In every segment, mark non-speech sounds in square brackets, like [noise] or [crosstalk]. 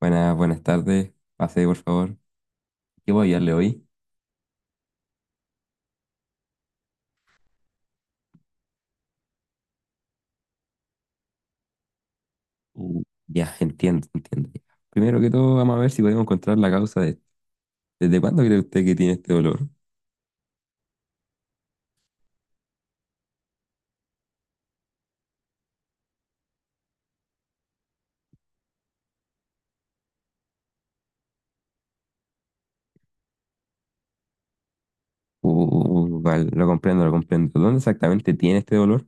Buenas, buenas tardes. Pase, por favor. ¿Qué voy a darle hoy? Ya, entiendo, entiendo. Ya. Primero que todo, vamos a ver si podemos encontrar la causa de esto. ¿Desde cuándo cree usted que tiene este dolor? Vale, lo comprendo, lo comprendo. ¿Dónde exactamente tiene este dolor?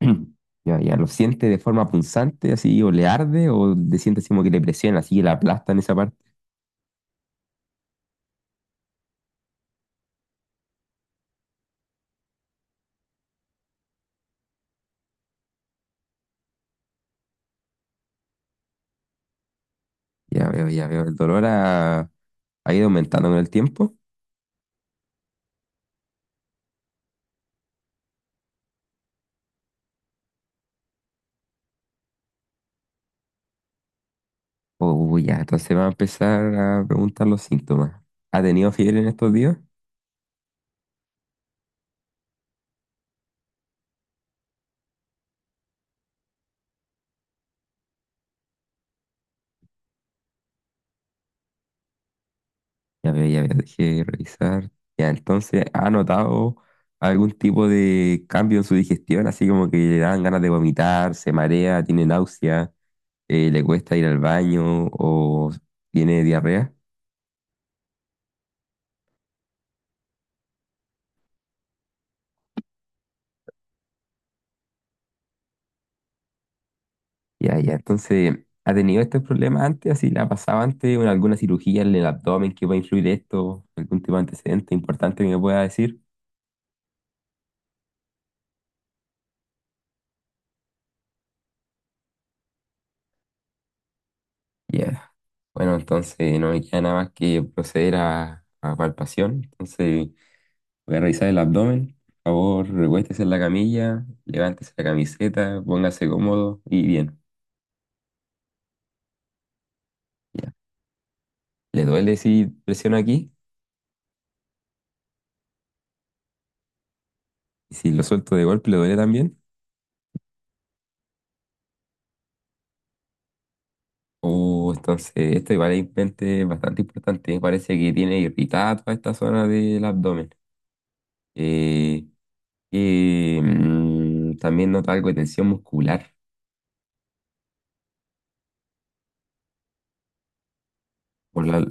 [clears throat] Ya, ya, ¿lo siente de forma punzante, así, o le arde, o le siente así como que le presiona, así, que le aplasta en esa parte? Ya veo, ya veo. ¿El dolor ha ido aumentando con el tiempo? Ya, entonces va a empezar a preguntar los síntomas. ¿Ha tenido fiebre en estos días? Ya veo, dejé revisar. Ya, entonces, ¿ha notado algún tipo de cambio en su digestión? Así como que le dan ganas de vomitar, se marea, tiene náusea, le cuesta ir al baño o tiene diarrea. Ya, ya, entonces, ¿ha tenido estos problemas antes? ¿Así le ha pasado antes? ¿Alguna cirugía en el abdomen que pueda influir esto? ¿Algún tipo de antecedente importante que me pueda decir? Ya. Bueno, entonces no me queda nada más que proceder a palpación. Entonces. Voy a revisar el abdomen. Por favor, recuéstese en la camilla, levántese la camiseta, póngase cómodo y bien. Ya. ¿Le duele si presiono aquí? ¿Y si lo suelto de golpe le duele también? Oh, entonces esto igual es importante- bastante importante. Parece que tiene irritada toda esta zona del abdomen. Eh, También nota algo de tensión muscular por la,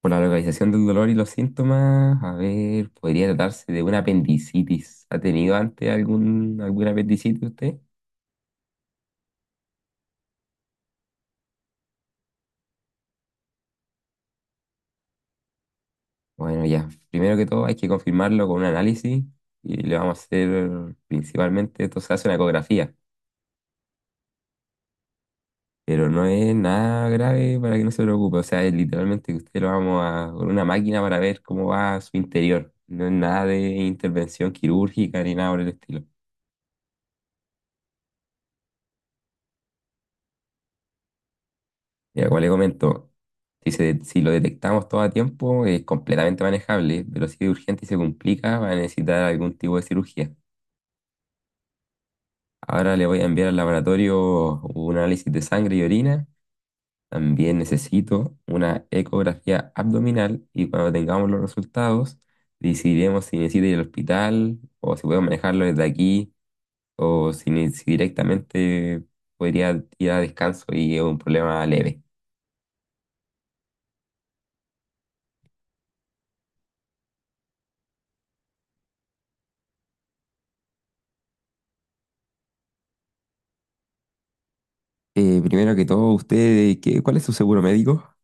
por la localización del dolor y los síntomas, a ver, podría tratarse de una apendicitis. ¿Ha tenido antes algún, alguna apendicitis usted? Bueno, ya, primero que todo hay que confirmarlo con un análisis y le vamos a hacer principalmente, esto se hace una ecografía, pero no es nada grave para que no se preocupe, o sea, es literalmente que usted lo vamos a con una máquina para ver cómo va su interior, no es nada de intervención quirúrgica ni nada por el estilo. Ya, como le comento. Si lo detectamos todo a tiempo, es completamente manejable, pero si es urgente y se complica, va a necesitar algún tipo de cirugía. Ahora le voy a enviar al laboratorio un análisis de sangre y orina. También necesito una ecografía abdominal y cuando tengamos los resultados, decidiremos si necesita ir al hospital o si podemos manejarlo desde aquí o si directamente podría ir a descanso y es un problema leve. Primero que todo, usted, ¿cuál es su seguro médico?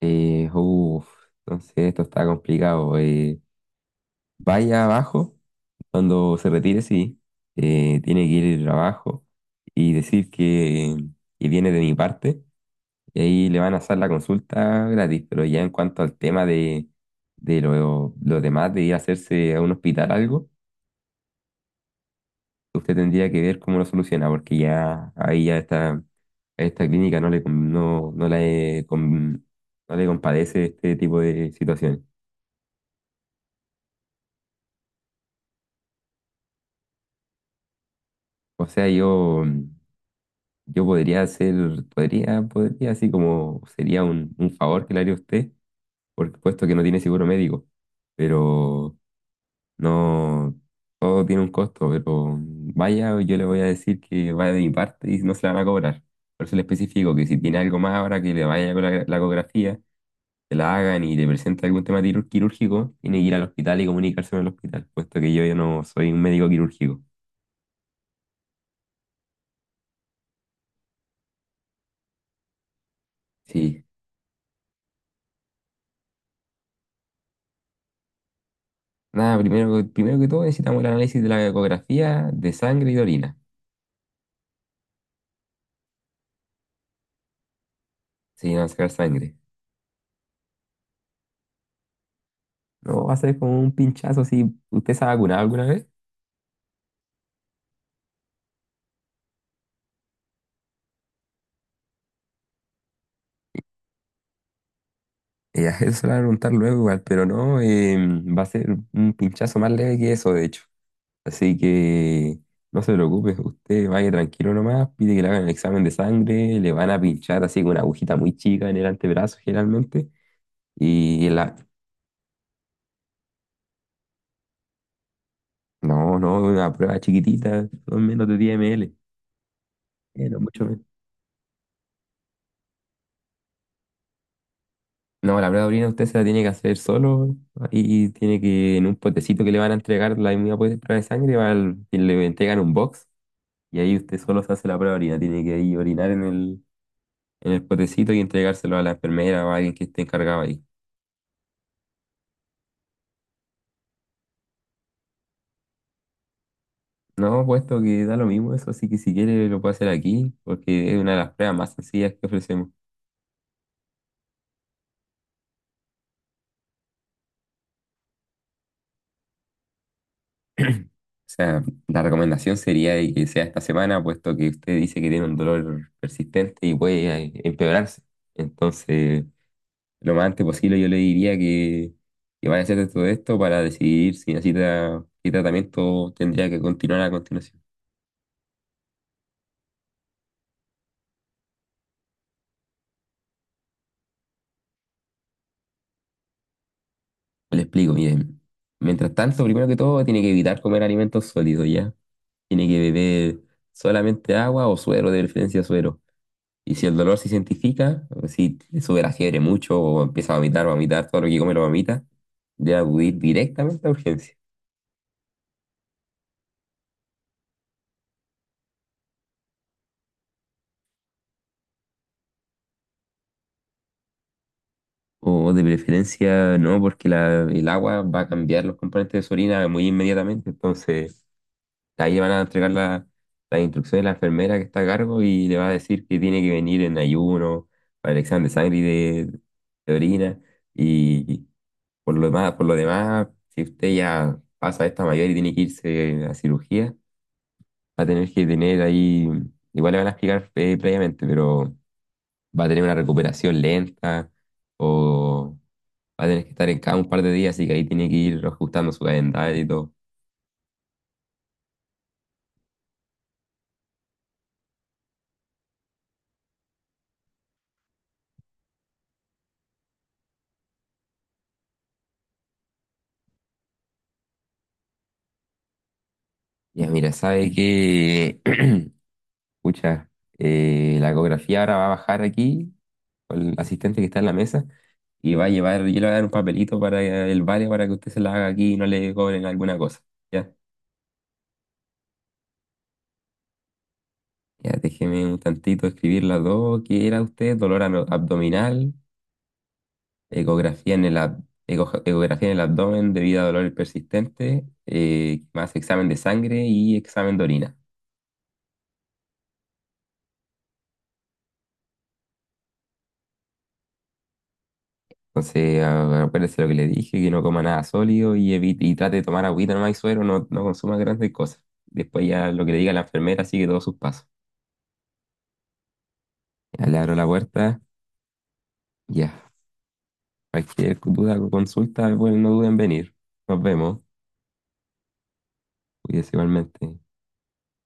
Eh, uf, no sé, esto está complicado. Vaya abajo, cuando se retire, sí, tiene que ir abajo y decir que viene de mi parte. Y ahí le van a hacer la consulta gratis. Pero ya en cuanto al tema de lo demás, de ir a hacerse a un hospital algo, usted tendría que ver cómo lo soluciona, porque ya ahí ya está, esta clínica no le compadece este tipo de situaciones. O sea, yo podría hacer, así como sería un favor que le haría a usted, por puesto que no tiene seguro médico, pero no, todo tiene un costo, pero vaya, yo le voy a decir que vaya de mi parte y no se la van a cobrar. Por eso le especifico que si tiene algo más ahora que le vaya con la ecografía, que la hagan y le presente algún tema quirúrgico, tiene que ir al hospital y comunicarse con el hospital, puesto que yo ya no soy un médico quirúrgico. Sí, nada, primero que todo necesitamos el análisis de la ecografía de sangre y de orina. Sí, vamos a sacar sangre. No, va a ser como un pinchazo si usted se ha vacunado alguna vez. [laughs] Eso se lo van a preguntar luego igual, pero no, va a ser un pinchazo más leve que eso, de hecho. Así que no se preocupe, usted vaya tranquilo nomás, pide que le hagan el examen de sangre, le van a pinchar así con una agujita muy chica en el antebrazo generalmente. Y la... No, no, una prueba chiquitita, son menos de 10 ml. No mucho. No, la prueba de orina usted se la tiene que hacer solo y tiene que, en un potecito que le van a entregar la misma prueba de sangre, va y le entregan un box y ahí usted solo se hace la prueba de orina. Tiene que ahí orinar en en el potecito y entregárselo a la enfermera o a alguien que esté encargado ahí. No, puesto que da lo mismo eso, así que si quiere lo puede hacer aquí porque es una de las pruebas más sencillas que ofrecemos. [clears throat] O sea, la recomendación sería de que sea esta semana, puesto que usted dice que tiene un dolor persistente y puede empeorarse. Entonces... lo más antes posible, yo le diría que vaya a hacer todo esto para decidir si necesita, qué tratamiento tendría que continuar a continuación. Le explico, miren. Mientras tanto, primero que todo, tiene que evitar comer alimentos sólidos, ¿ya? Tiene que beber solamente agua o suero, de preferencia suero. Y si el dolor se identifica, o si le sube la fiebre mucho o empieza a vomitar, todo lo que come lo vomita, debe acudir directamente a urgencias. O de preferencia no, porque el agua va a cambiar los componentes de su orina muy inmediatamente. Entonces, ahí le van a entregar las instrucciones a la enfermera que está a cargo y le va a decir que tiene que venir en ayuno para el examen de sangre y de orina. Y por lo demás, si usted ya pasa esta mayor y tiene que irse a cirugía, va a tener que tener ahí, igual le van a explicar previamente, pero va a tener una recuperación lenta o va a tener que estar en cada un par de días, así que ahí tiene que ir ajustando su calendario y todo. Ya, mira, sabe que, [clears throat] escucha, la ecografía ahora va a bajar aquí con el asistente que está en la mesa y va a llevar, yo le voy a dar un papelito para el barrio para que usted se la haga aquí y no le cobren alguna cosa. Ya, ya, déjeme un tantito escribir las dos. ¿Qué era usted? Abdominal, ecografía en ecografía en el abdomen debido a dolor persistente, más examen de sangre y examen de orina. Entonces, acuérdese lo que le dije, que no coma nada sólido y evite, y trate de tomar agüita nomás y suero, no, no consuma grandes cosas. Después ya lo que le diga la enfermera sigue todos sus pasos. Ya le abro la puerta, ya. Cualquier duda o consulta, bueno, no duden en venir. Nos vemos. Cuídese igualmente.